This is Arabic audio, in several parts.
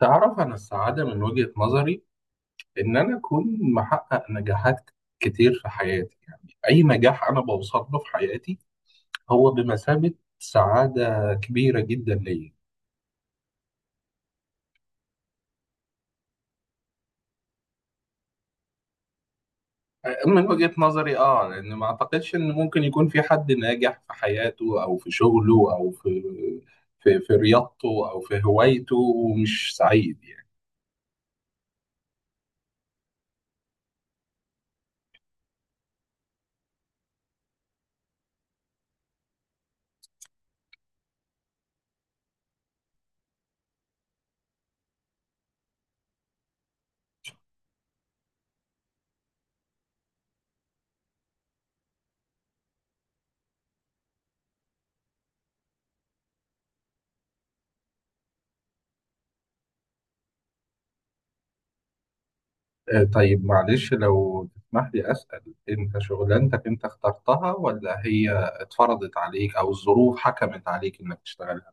تعرف، أنا السعادة من وجهة نظري إن أنا أكون محقق نجاحات كتير في حياتي. يعني أي نجاح أنا بوصل له في حياتي هو بمثابة سعادة كبيرة جدا ليا. من وجهة نظري آه، لأن ما أعتقدش إن ممكن يكون في حد ناجح في حياته أو في شغله أو في رياضته أو في هوايته ومش سعيد يعني. آه، طيب معلش لو تسمح لي أسأل، أنت شغلانتك أنت اخترتها ولا هي اتفرضت عليك أو الظروف حكمت عليك إنك تشتغلها؟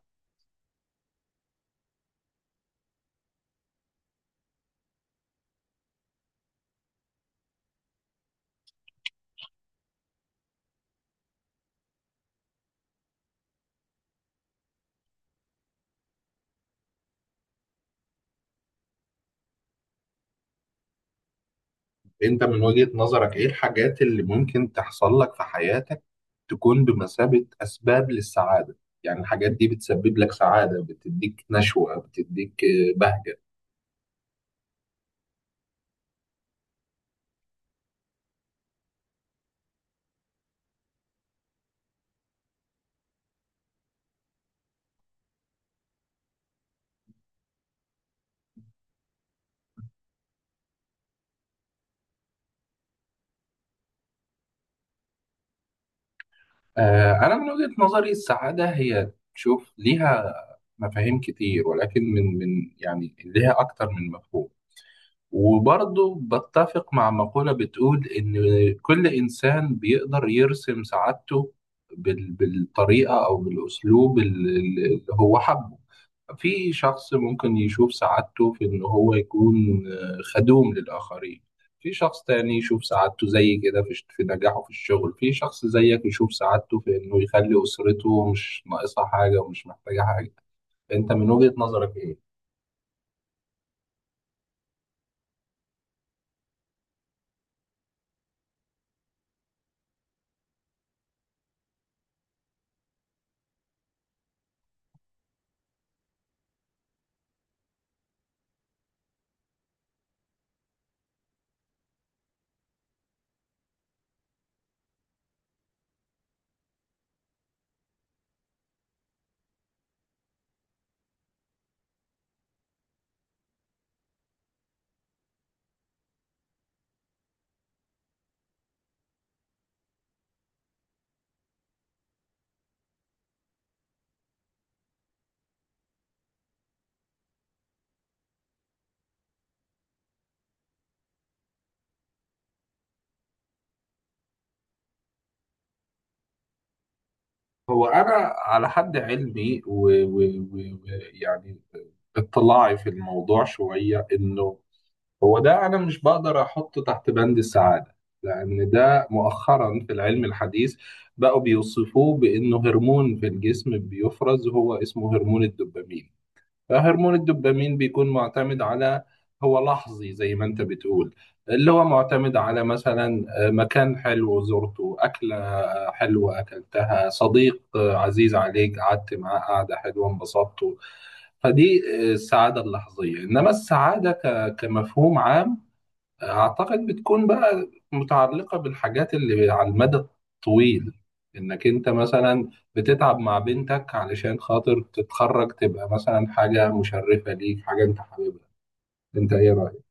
أنت من وجهة نظرك إيه الحاجات اللي ممكن تحصل لك في حياتك تكون بمثابة أسباب للسعادة؟ يعني الحاجات دي بتسبب لك سعادة، بتديك نشوة، بتديك بهجة. أنا من وجهة نظري السعادة هي تشوف ليها مفاهيم كتير، ولكن من يعني ليها أكتر من مفهوم. وبرضه بتفق مع مقولة بتقول إن كل إنسان بيقدر يرسم سعادته بالطريقة أو بالأسلوب اللي هو حبه. في شخص ممكن يشوف سعادته في إن هو يكون آه، خدوم للآخرين. في شخص تاني يشوف سعادته زي كده في نجاحه في الشغل. في شخص زيك يشوف سعادته في إنه يخلي أسرته مش ناقصها حاجة ومش محتاجة حاجة. أنت من وجهة نظرك إيه؟ هو انا على حد علمي ويعني اطلاعي في الموضوع شويه، انه هو ده انا مش بقدر احطه تحت بند السعاده، لان ده مؤخرا في العلم الحديث بقوا بيوصفوه بانه هرمون في الجسم بيفرز، هو اسمه هرمون الدوبامين. هرمون الدوبامين بيكون معتمد على، هو لحظي زي ما انت بتقول، اللي هو معتمد على مثلا آه، مكان حلو زرته، أكلة حلوة أكلتها، صديق آه، عزيز عليك قعدت معاه قعدة حلوة انبسطته. فدي آه، السعادة اللحظية. إنما السعادة كمفهوم عام، أعتقد بتكون بقى متعلقة بالحاجات اللي على المدى الطويل. إنك أنت مثلا بتتعب مع بنتك علشان خاطر تتخرج، تبقى مثلا حاجة مشرفة ليك، حاجة أنت حاببها. أنت إيه رأيك؟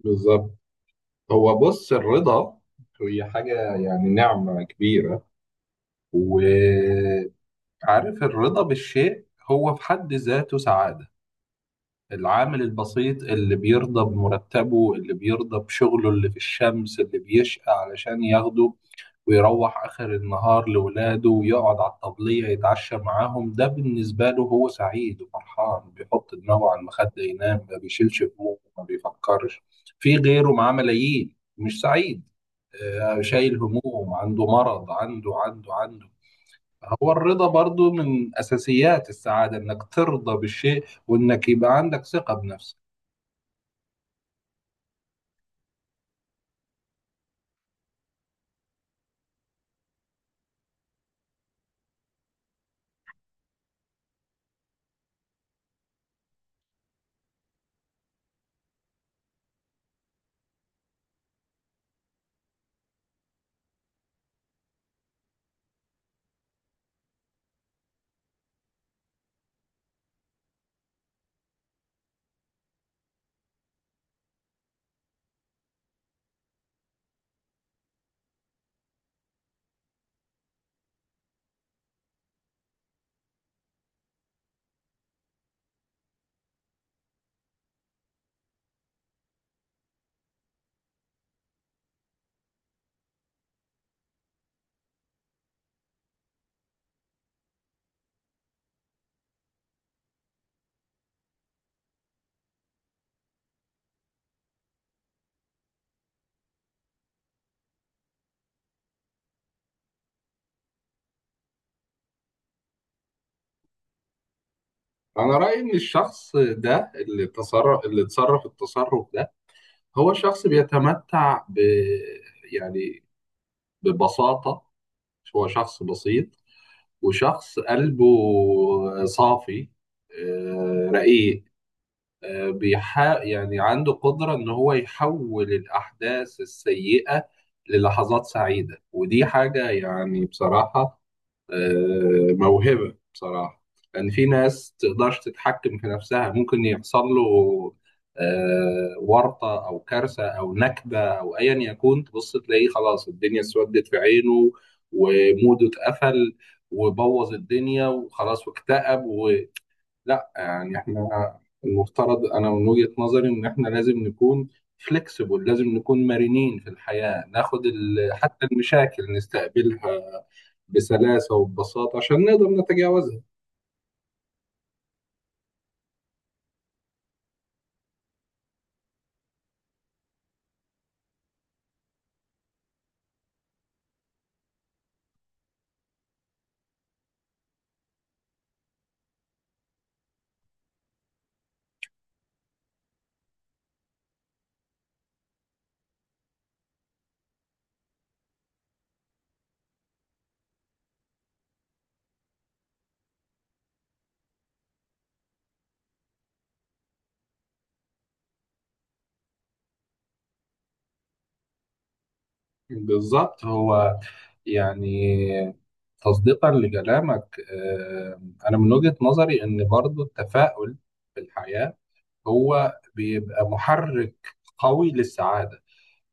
بالظبط. هو بص، الرضا هي حاجة يعني نعمة كبيرة، وعارف، الرضا بالشيء هو في حد ذاته سعادة. العامل البسيط اللي بيرضى بمرتبه، اللي بيرضى بشغله اللي في الشمس، اللي بيشقى علشان ياخده ويروح آخر النهار لولاده ويقعد على الطبلية يتعشى معاهم، ده بالنسبة له هو سعيد وفرحان، بيحط دماغه على المخدة ينام، ما بيشيلش همومه، ما بيفكرش في غيره معاه ملايين مش سعيد، آه، شايل هموم، عنده مرض، عنده عنده عنده. هو الرضا برضو من أساسيات السعادة، إنك ترضى بالشيء وإنك يبقى عندك ثقة بنفسك. أنا رأيي إن الشخص ده اللي تصرف اللي تصرف التصرف ده هو شخص بيتمتع ب، يعني ببساطة، هو شخص بسيط وشخص قلبه صافي، آه، رقيق، آه، يعني عنده قدرة إن هو يحول الأحداث السيئة للحظات سعيدة. ودي حاجة يعني بصراحة آه، موهبة بصراحة. لأن في ناس تقدرش تتحكم في نفسها، ممكن يحصل له آه، ورطة أو كارثة أو نكبة أو أيا يكون، تبص تلاقيه خلاص الدنيا اسودت في عينه وموده اتقفل وبوظ الدنيا وخلاص واكتئب ولا. يعني احنا المفترض، أنا من وجهة نظري إن احنا لازم نكون فليكسبل، لازم نكون مرنين في الحياة، ناخد حتى المشاكل نستقبلها بسلاسة وببساطة عشان نقدر نتجاوزها. بالظبط. هو يعني تصديقا لكلامك آه، أنا من وجهة نظري إن برضو التفاؤل في الحياة هو بيبقى محرك قوي للسعادة.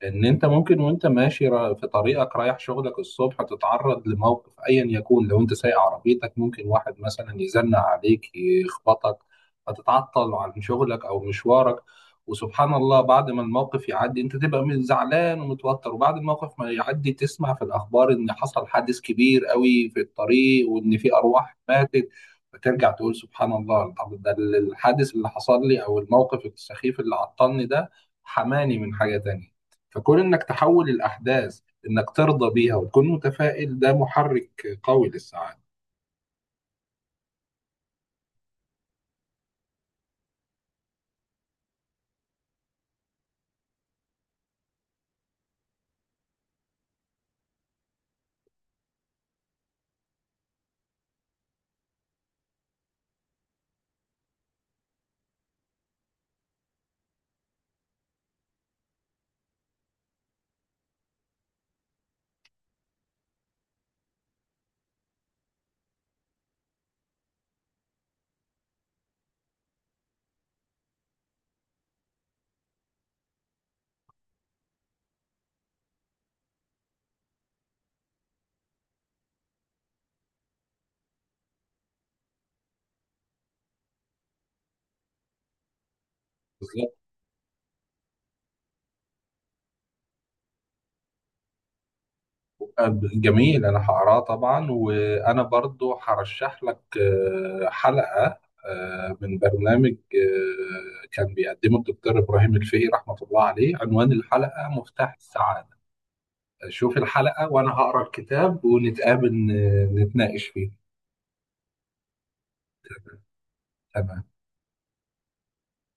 ان انت ممكن وانت ماشي في طريقك رايح شغلك الصبح تتعرض لموقف ايا يكون، لو انت سايق عربيتك ممكن واحد مثلا يزنق عليك يخبطك فتتعطل عن شغلك او مشوارك. وسبحان الله بعد ما الموقف يعدي انت تبقى زعلان ومتوتر، وبعد الموقف ما يعدي تسمع في الاخبار ان حصل حادث كبير قوي في الطريق وان في ارواح ماتت، فترجع تقول سبحان الله، طب ده الحادث اللي حصل لي او الموقف السخيف اللي عطلني ده حماني من حاجة تانية. فكون انك تحول الاحداث، انك ترضى بيها وتكون متفائل، ده محرك قوي للسعاده. بالظبط. آه، جميل، انا هقراه طبعا، وانا برضو هرشح لك آه، حلقه آه، من برنامج آه، كان بيقدمه الدكتور ابراهيم الفقي رحمه الله عليه، عنوان الحلقه مفتاح السعاده. شوف الحلقه وانا هقرا الكتاب ونتقابل آه، نتناقش فيه. تمام.